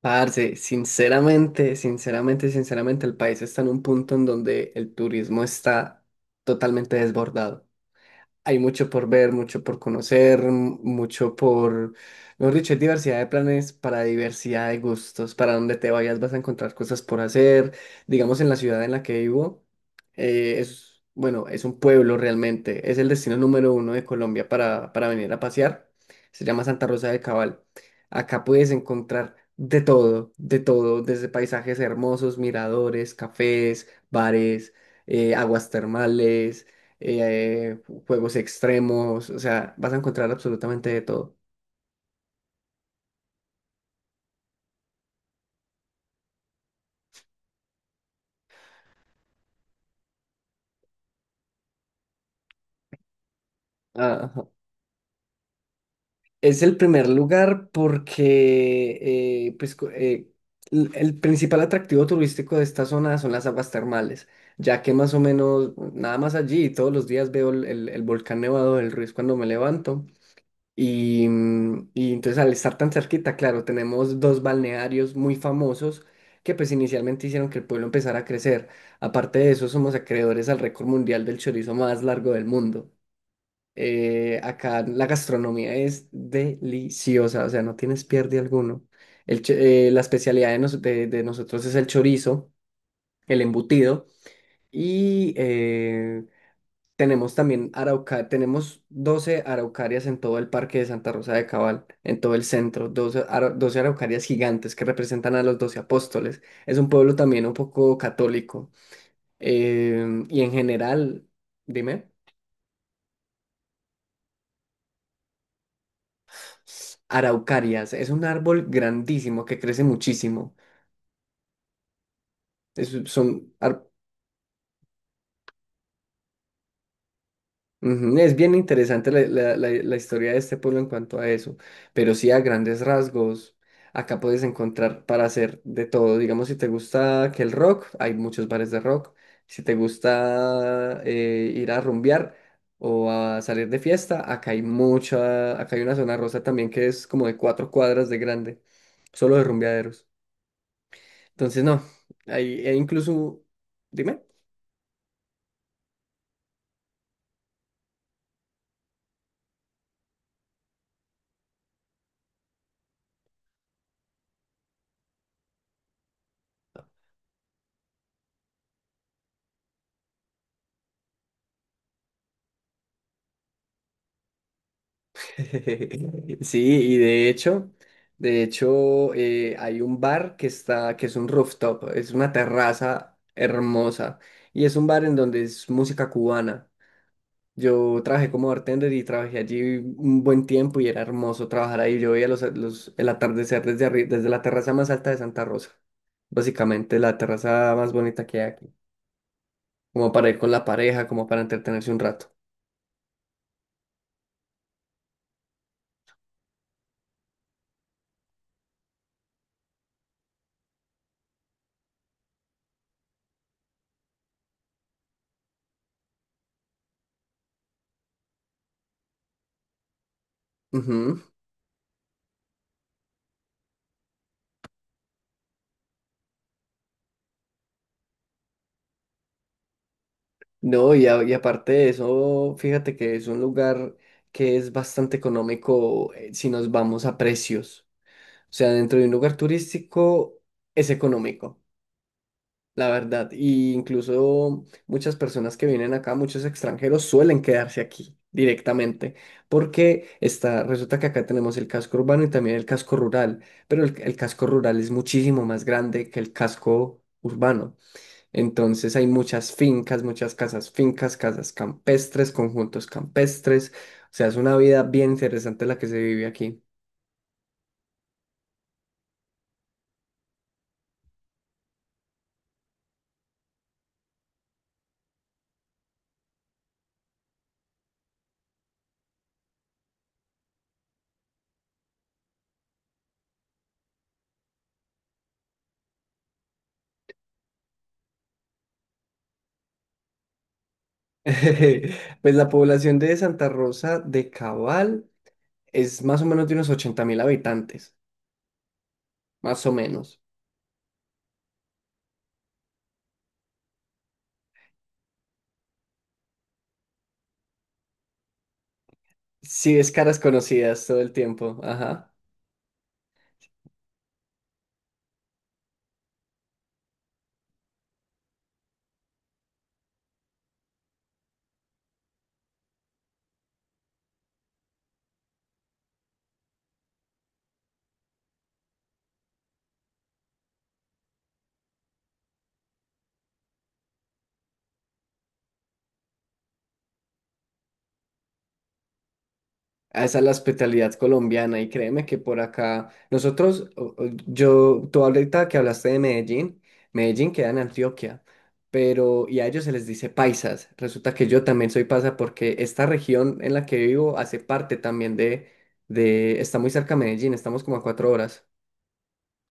Parce, sinceramente, el país está en un punto en donde el turismo está totalmente desbordado. Hay mucho por ver, mucho por conocer, mejor dicho, hay diversidad de planes para diversidad de gustos. Para donde te vayas vas a encontrar cosas por hacer. Digamos, en la ciudad en la que vivo, es, bueno, es un pueblo realmente. Es el destino número uno de Colombia para venir a pasear. Se llama Santa Rosa de Cabal. Acá puedes encontrar de todo, desde paisajes hermosos, miradores, cafés, bares, aguas termales, eh, juegos extremos. O sea, vas a encontrar absolutamente de todo. Ajá. Es el primer lugar porque el principal atractivo turístico de esta zona son las aguas termales, ya que más o menos nada más allí todos los días veo el volcán nevado del Ruiz cuando me levanto. Y entonces, al estar tan cerquita, claro, tenemos dos balnearios muy famosos que pues inicialmente hicieron que el pueblo empezara a crecer. Aparte de eso, somos acreedores al récord mundial del chorizo más largo del mundo. Acá la gastronomía es deliciosa. O sea, no tienes pierde alguno. El la especialidad de nosotros es el chorizo, el embutido, y tenemos también arauca, tenemos 12 araucarias en todo el parque de Santa Rosa de Cabal, en todo el centro, 12 araucarias gigantes que representan a los 12 apóstoles. Es un pueblo también un poco católico. Y en general, dime. Araucarias, es un árbol grandísimo que crece muchísimo. Es- son ar- Ujú. Es bien interesante la historia de este pueblo en cuanto a eso, pero sí, a grandes rasgos, acá puedes encontrar para hacer de todo. Digamos, si te gusta que el rock, hay muchos bares de rock. Si te gusta ir a rumbear o a salir de fiesta, acá hay mucha, acá hay una zona rosa también que es como de 4 cuadras de grande, solo de rumbeaderos. Entonces, no, hay, e incluso, dime. Sí, y de hecho, hay un bar que está, que es un rooftop, es una terraza hermosa, y es un bar en donde es música cubana. Yo trabajé como bartender y trabajé allí un buen tiempo y era hermoso trabajar ahí. Yo veía el atardecer desde la terraza más alta de Santa Rosa. Básicamente la terraza más bonita que hay aquí, como para ir con la pareja, como para entretenerse un rato. No, y aparte de eso, fíjate que es un lugar que es bastante económico, si nos vamos a precios. O sea, dentro de un lugar turístico es económico, la verdad. Y incluso muchas personas que vienen acá, muchos extranjeros, suelen quedarse aquí directamente, porque está, resulta que acá tenemos el casco urbano y también el casco rural, pero el casco rural es muchísimo más grande que el casco urbano. Entonces hay muchas fincas, muchas casas fincas, casas campestres, conjuntos campestres. O sea, es una vida bien interesante la que se vive aquí. Pues la población de Santa Rosa de Cabal es más o menos de unos 80.000 habitantes, más o menos. Sí, es caras conocidas todo el tiempo. Ajá. A esa es la hospitalidad colombiana, y créeme que por acá nosotros, yo, tú ahorita que hablaste de Medellín, Medellín queda en Antioquia, pero y a ellos se les dice paisas. Resulta que yo también soy paisa porque esta región en la que vivo hace parte también está muy cerca a Medellín, estamos como a 4 horas,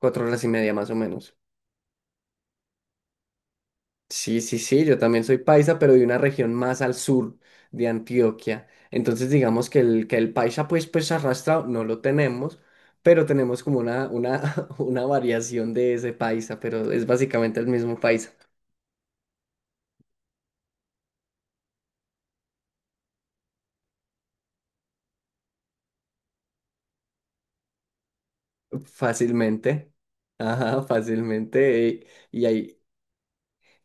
4 horas y media más o menos. Sí, sí, sí, yo también soy paisa, pero de una región más al sur de Antioquia. Entonces, digamos que el paisa, pues, pues arrastrado no lo tenemos, pero tenemos como una, una variación de ese paisa, pero es básicamente el mismo paisa. Fácilmente. Ajá, fácilmente.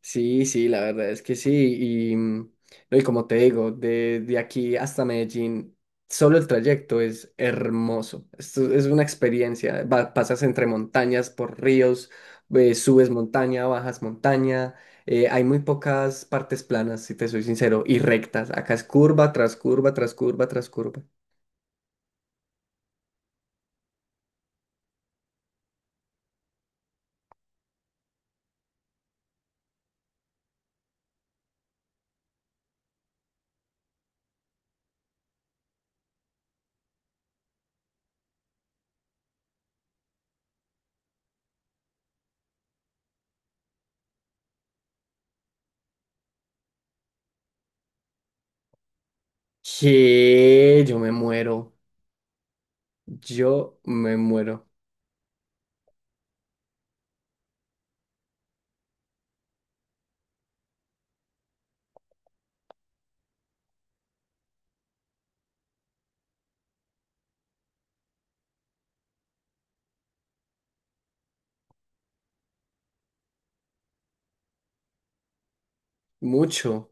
Sí, sí, la verdad es que sí. No, y como te digo, de aquí hasta Medellín, solo el trayecto es hermoso. Esto es una experiencia. Pasas entre montañas, por ríos, subes montaña, bajas montaña. Hay muy pocas partes planas, si te soy sincero, y rectas. Acá es curva tras curva, tras curva, tras curva. Que yo me muero. Yo me muero. Mucho.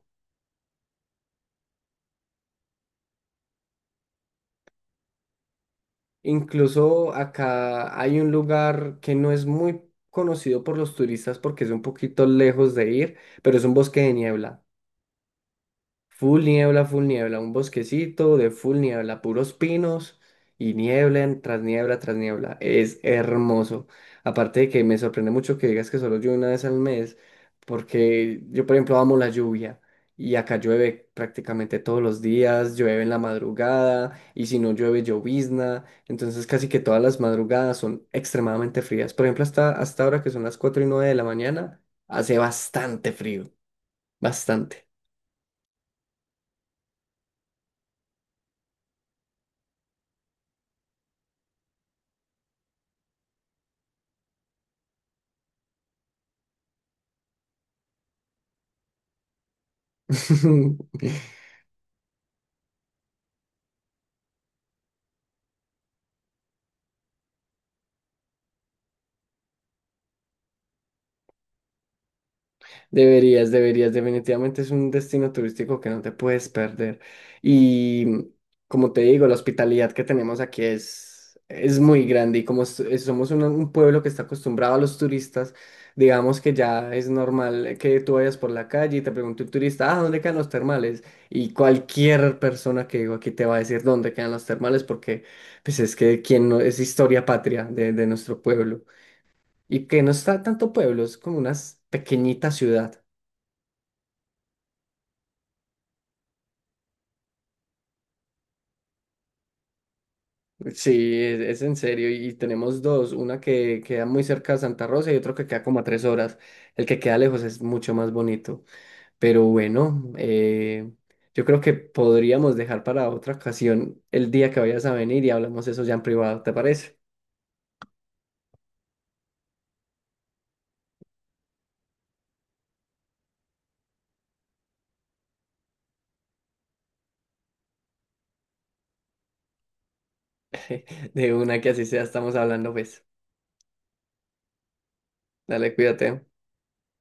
Incluso acá hay un lugar que no es muy conocido por los turistas porque es un poquito lejos de ir, pero es un bosque de niebla. Full niebla, full niebla, un bosquecito de full niebla, puros pinos y niebla tras niebla tras niebla. Es hermoso. Aparte de que me sorprende mucho que digas que solo llueve una vez al mes, porque yo, por ejemplo, amo la lluvia, y acá llueve prácticamente todos los días, llueve en la madrugada, y si no llueve, llovizna. Entonces, casi que todas las madrugadas son extremadamente frías. Por ejemplo, hasta ahora que son las 4:09 de la mañana, hace bastante frío, bastante. Deberías, deberías, definitivamente es un destino turístico que no te puedes perder. Y como te digo, la hospitalidad que tenemos aquí es muy grande, y como somos un pueblo que está acostumbrado a los turistas. Digamos que ya es normal que tú vayas por la calle y te pregunte un turista, ah, ¿dónde quedan los termales? Y cualquier persona que digo aquí te va a decir dónde quedan los termales, porque pues es que quien no, es historia patria de nuestro pueblo, y que no está tanto pueblo, es como una pequeñita ciudad. Sí, es en serio. Y tenemos dos, una que queda muy cerca de Santa Rosa y otro que queda como a 3 horas. El que queda lejos es mucho más bonito. Pero bueno, yo creo que podríamos dejar para otra ocasión el día que vayas a venir y hablamos eso ya en privado, ¿te parece? De una que así sea, estamos hablando, pues. Dale, cuídate.